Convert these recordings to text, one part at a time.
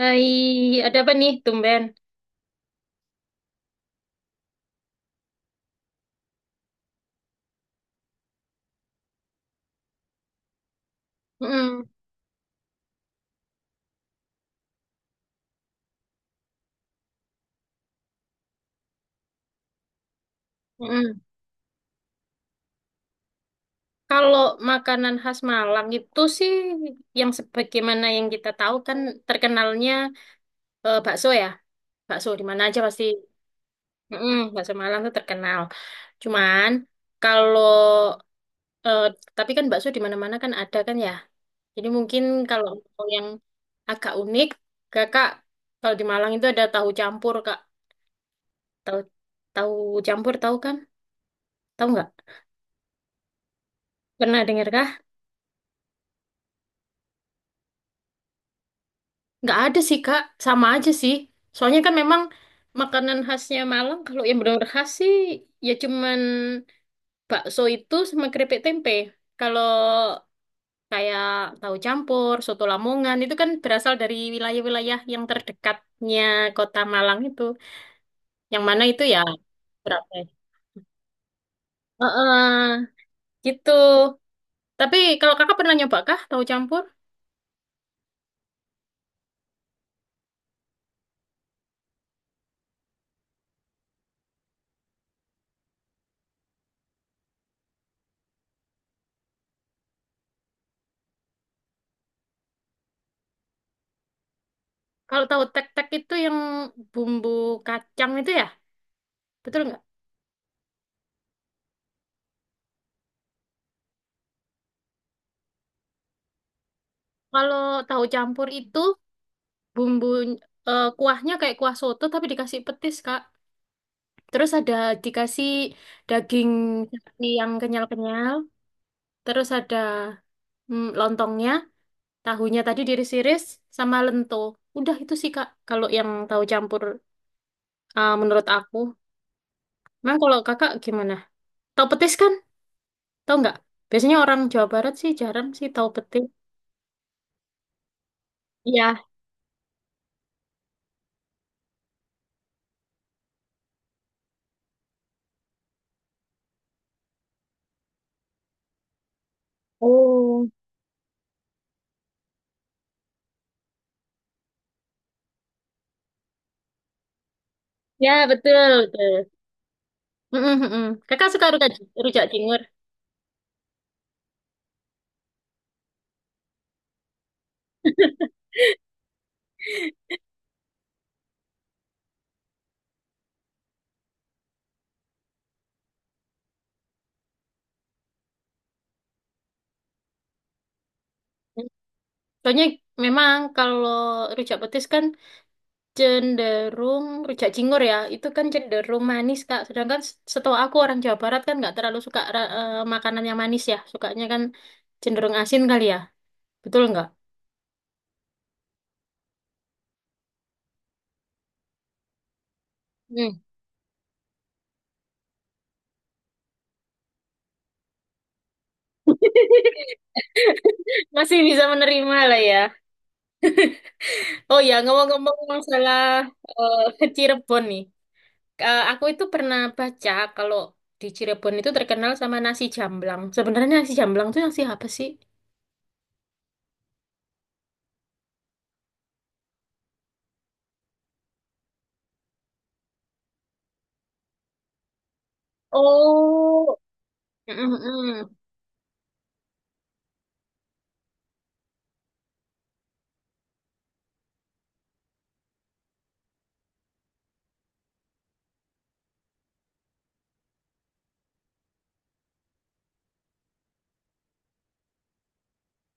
Hai, ada apa nih, tumben? Mm-mm, mm-mm. Kalau makanan khas Malang itu sih yang sebagaimana yang kita tahu kan terkenalnya bakso ya. Bakso di mana aja pasti. Mm-mm, bakso Malang tuh terkenal. Cuman kalau eh, tapi kan bakso di mana-mana kan ada kan ya. Jadi mungkin kalau mau yang agak unik, Kakak kalau di Malang itu ada tahu campur, Kak. Tahu tahu campur tahu kan? Tahu nggak? Pernah dengar kah? Nggak ada sih Kak, sama aja sih. Soalnya kan memang makanan khasnya Malang, kalau yang benar-benar khas sih ya cuman bakso itu sama keripik tempe. Kalau kayak tahu campur, soto Lamongan itu kan berasal dari wilayah-wilayah yang terdekatnya kota Malang itu. Yang mana itu ya berapa? Ya? Heeh, gitu. Tapi kalau kakak pernah nyoba kah tahu campur? Kalau tahu tek-tek itu yang bumbu kacang itu ya, betul nggak? Kalau tahu campur itu bumbu kuahnya kayak kuah soto tapi dikasih petis Kak. Terus ada dikasih daging sapi yang kenyal-kenyal. Terus ada lontongnya, tahunya tadi diiris-iris sama lento. Udah itu sih Kak. Kalau yang tahu campur menurut aku. Memang kalau Kakak gimana? Tahu petis kan? Tahu nggak? Biasanya orang Jawa Barat sih jarang sih tahu petis. Iya. Oh. Ya, betul betul. Mm, mm, mm, mm. Kakak suka rujak, rujak cingur. Soalnya memang kalau rujak petis kan cenderung rujak cingur ya, itu kan cenderung manis Kak. Sedangkan setahu aku orang Jawa Barat kan nggak terlalu suka makanan yang manis ya, sukanya kan cenderung asin kali ya, betul nggak? Hmm. Masih bisa menerima lah ya. Oh ya, ngomong-ngomong masalah Cirebon nih. Eh, aku itu pernah baca kalau di Cirebon itu terkenal sama nasi jamblang. Sebenarnya nasi jamblang itu nasi apa sih? Oh. Mm, mm,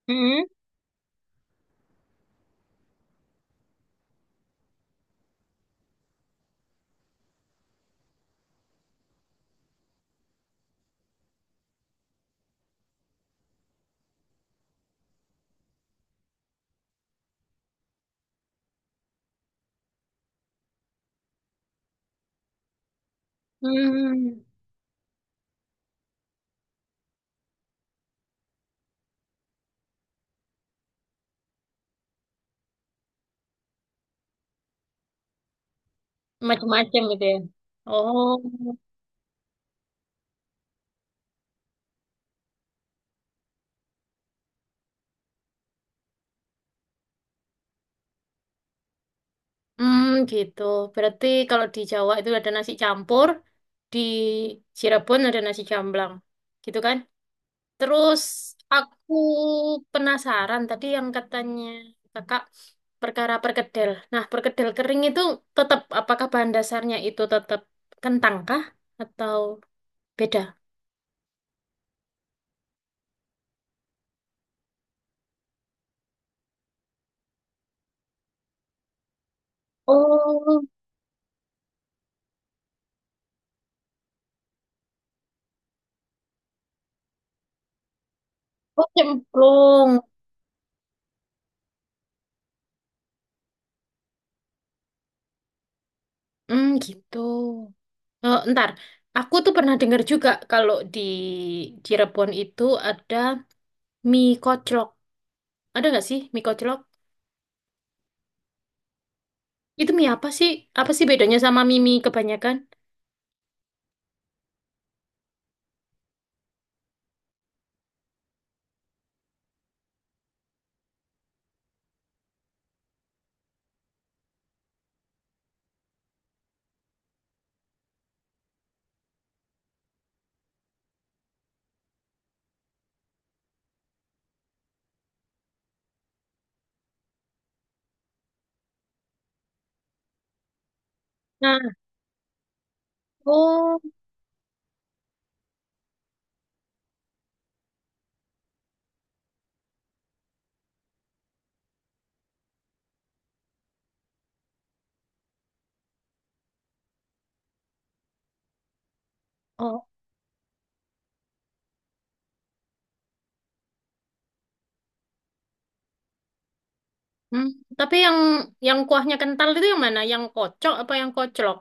mm, mm. Macam-macam gitu ya. Oh, hmm, gitu. Berarti kalau di Jawa itu ada nasi campur, di Cirebon ada nasi jamblang, gitu kan? Terus aku penasaran tadi yang katanya kakak perkara perkedel. Nah, perkedel kering itu tetap apakah bahan dasarnya itu tetap kentang kah atau beda? Oh, oh cemplung. Hmm, gitu. Oh, ntar, aku tuh pernah dengar juga kalau di Cirebon itu ada mie koclok. Ada nggak sih mie koclok? Itu mie apa sih? Apa sih bedanya sama mie mie kebanyakan? Nah, oh, oh, hmm. Tapi yang kuahnya kental itu yang mana? Yang kocok apa yang koclok?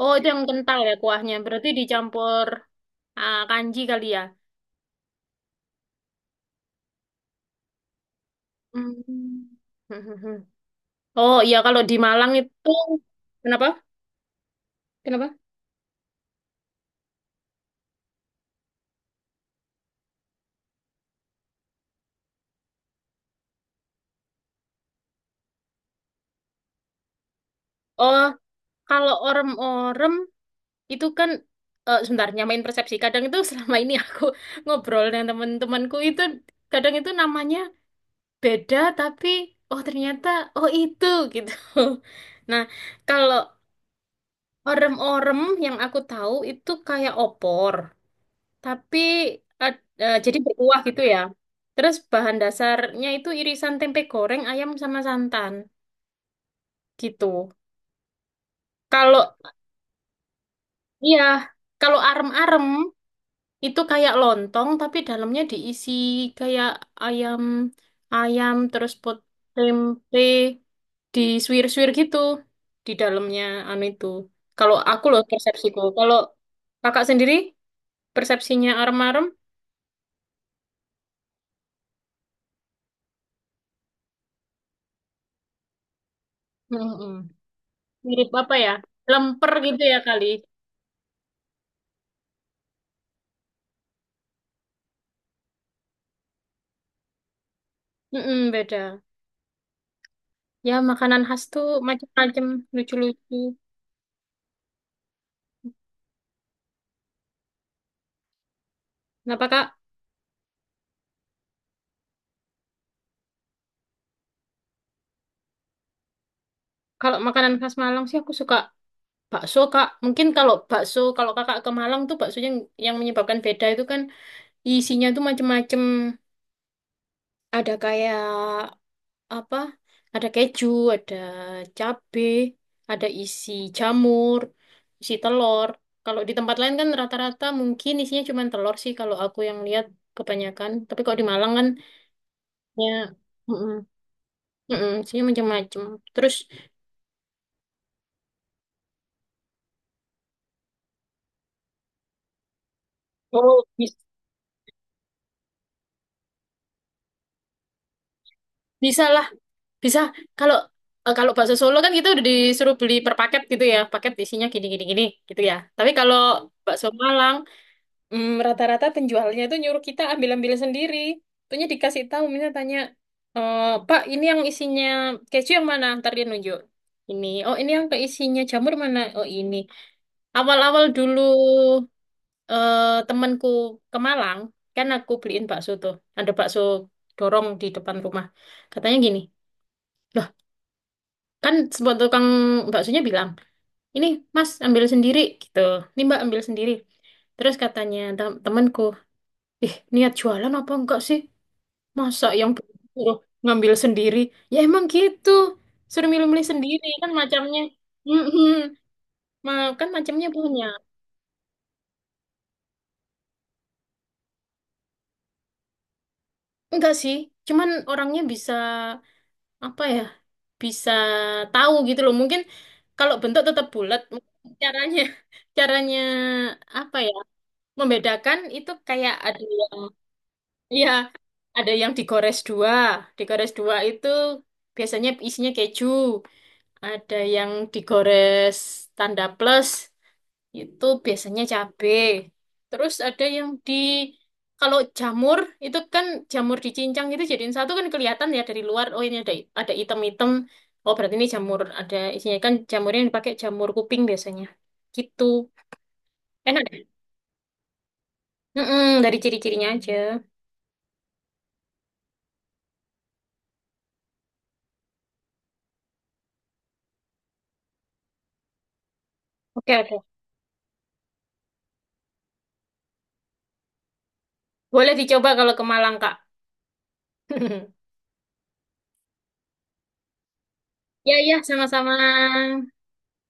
Oh, itu yang kental ya kuahnya. Berarti dicampur ah, kanji kali ya. Hmm. Oh iya, kalau di Malang itu kenapa? Kenapa? Oh, kalau orem-orem itu kan sebentar nyamain persepsi kadang itu selama ini aku ngobrol dengan teman-temanku itu kadang itu namanya beda tapi oh ternyata oh itu gitu nah kalau orem-orem yang aku tahu itu kayak opor tapi jadi berkuah gitu ya terus bahan dasarnya itu irisan tempe goreng ayam sama santan gitu kalau iya kalau arem-arem itu kayak lontong tapi dalamnya diisi kayak ayam ayam terus pot tempe disuir-suir gitu di dalamnya anu itu. Kalau aku loh persepsiku. Kalau kakak sendiri persepsinya arem-arem. Mm-mm. Mirip apa ya? Lemper gitu ya kali. Mm-mm, beda. Ya makanan khas tuh macam-macam lucu-lucu. Kenapa Kak? Kalau makanan khas Malang sih aku suka bakso Kak, mungkin kalau bakso kalau Kakak ke Malang tuh baksonya yang menyebabkan beda itu kan isinya tuh macem-macem. Ada kayak apa? Ada keju, ada cabe, ada isi jamur, isi telur. Kalau di tempat lain kan rata-rata mungkin isinya cuma telur sih kalau aku yang lihat kebanyakan. Tapi kalau di Malang kan ya mm-mm, mm-mm, isinya macem-macem. Terus oh, bisa lah. Bisa kalau kalau bakso Solo kan kita udah disuruh beli per paket gitu ya, paket isinya gini gini gini gitu ya. Tapi kalau bakso Malang, hmm, rata-rata penjualnya itu nyuruh kita ambil-ambil sendiri. Tentunya dikasih tahu, misalnya tanya, "Eh, Pak, ini yang isinya keju yang mana?" Ntar dia nunjuk. "Ini, oh ini yang keisinya jamur mana? Oh ini." Awal-awal dulu temanku ke Malang, kan aku beliin bakso tuh. Ada bakso dorong di depan rumah. Katanya gini. "Loh, kan semua tukang baksonya bilang ini mas ambil sendiri gitu ini mbak ambil sendiri," terus katanya temanku, "ih niat jualan apa enggak sih masa yang suruh ngambil sendiri." Ya emang gitu, suruh milih-milih sendiri kan macamnya. Mm-mm. Ma- kan macamnya punya enggak sih cuman orangnya bisa apa ya bisa tahu gitu loh mungkin kalau bentuk tetap bulat caranya caranya apa ya membedakan itu kayak ada yang ya ada yang digores dua. Digores dua itu biasanya isinya keju. Ada yang digores tanda plus itu biasanya cabe. Terus ada yang di kalau jamur itu kan jamur dicincang itu jadiin satu kan kelihatan ya dari luar. Oh ini ada item-item. Oh berarti ini jamur ada isinya kan jamurnya yang dipakai jamur kuping biasanya. Gitu. Enak deh. Mm-mm, dari ciri-cirinya aja. Oke, oke. Boleh dicoba kalau ke Malang, Kak. Ya, ya, sama-sama.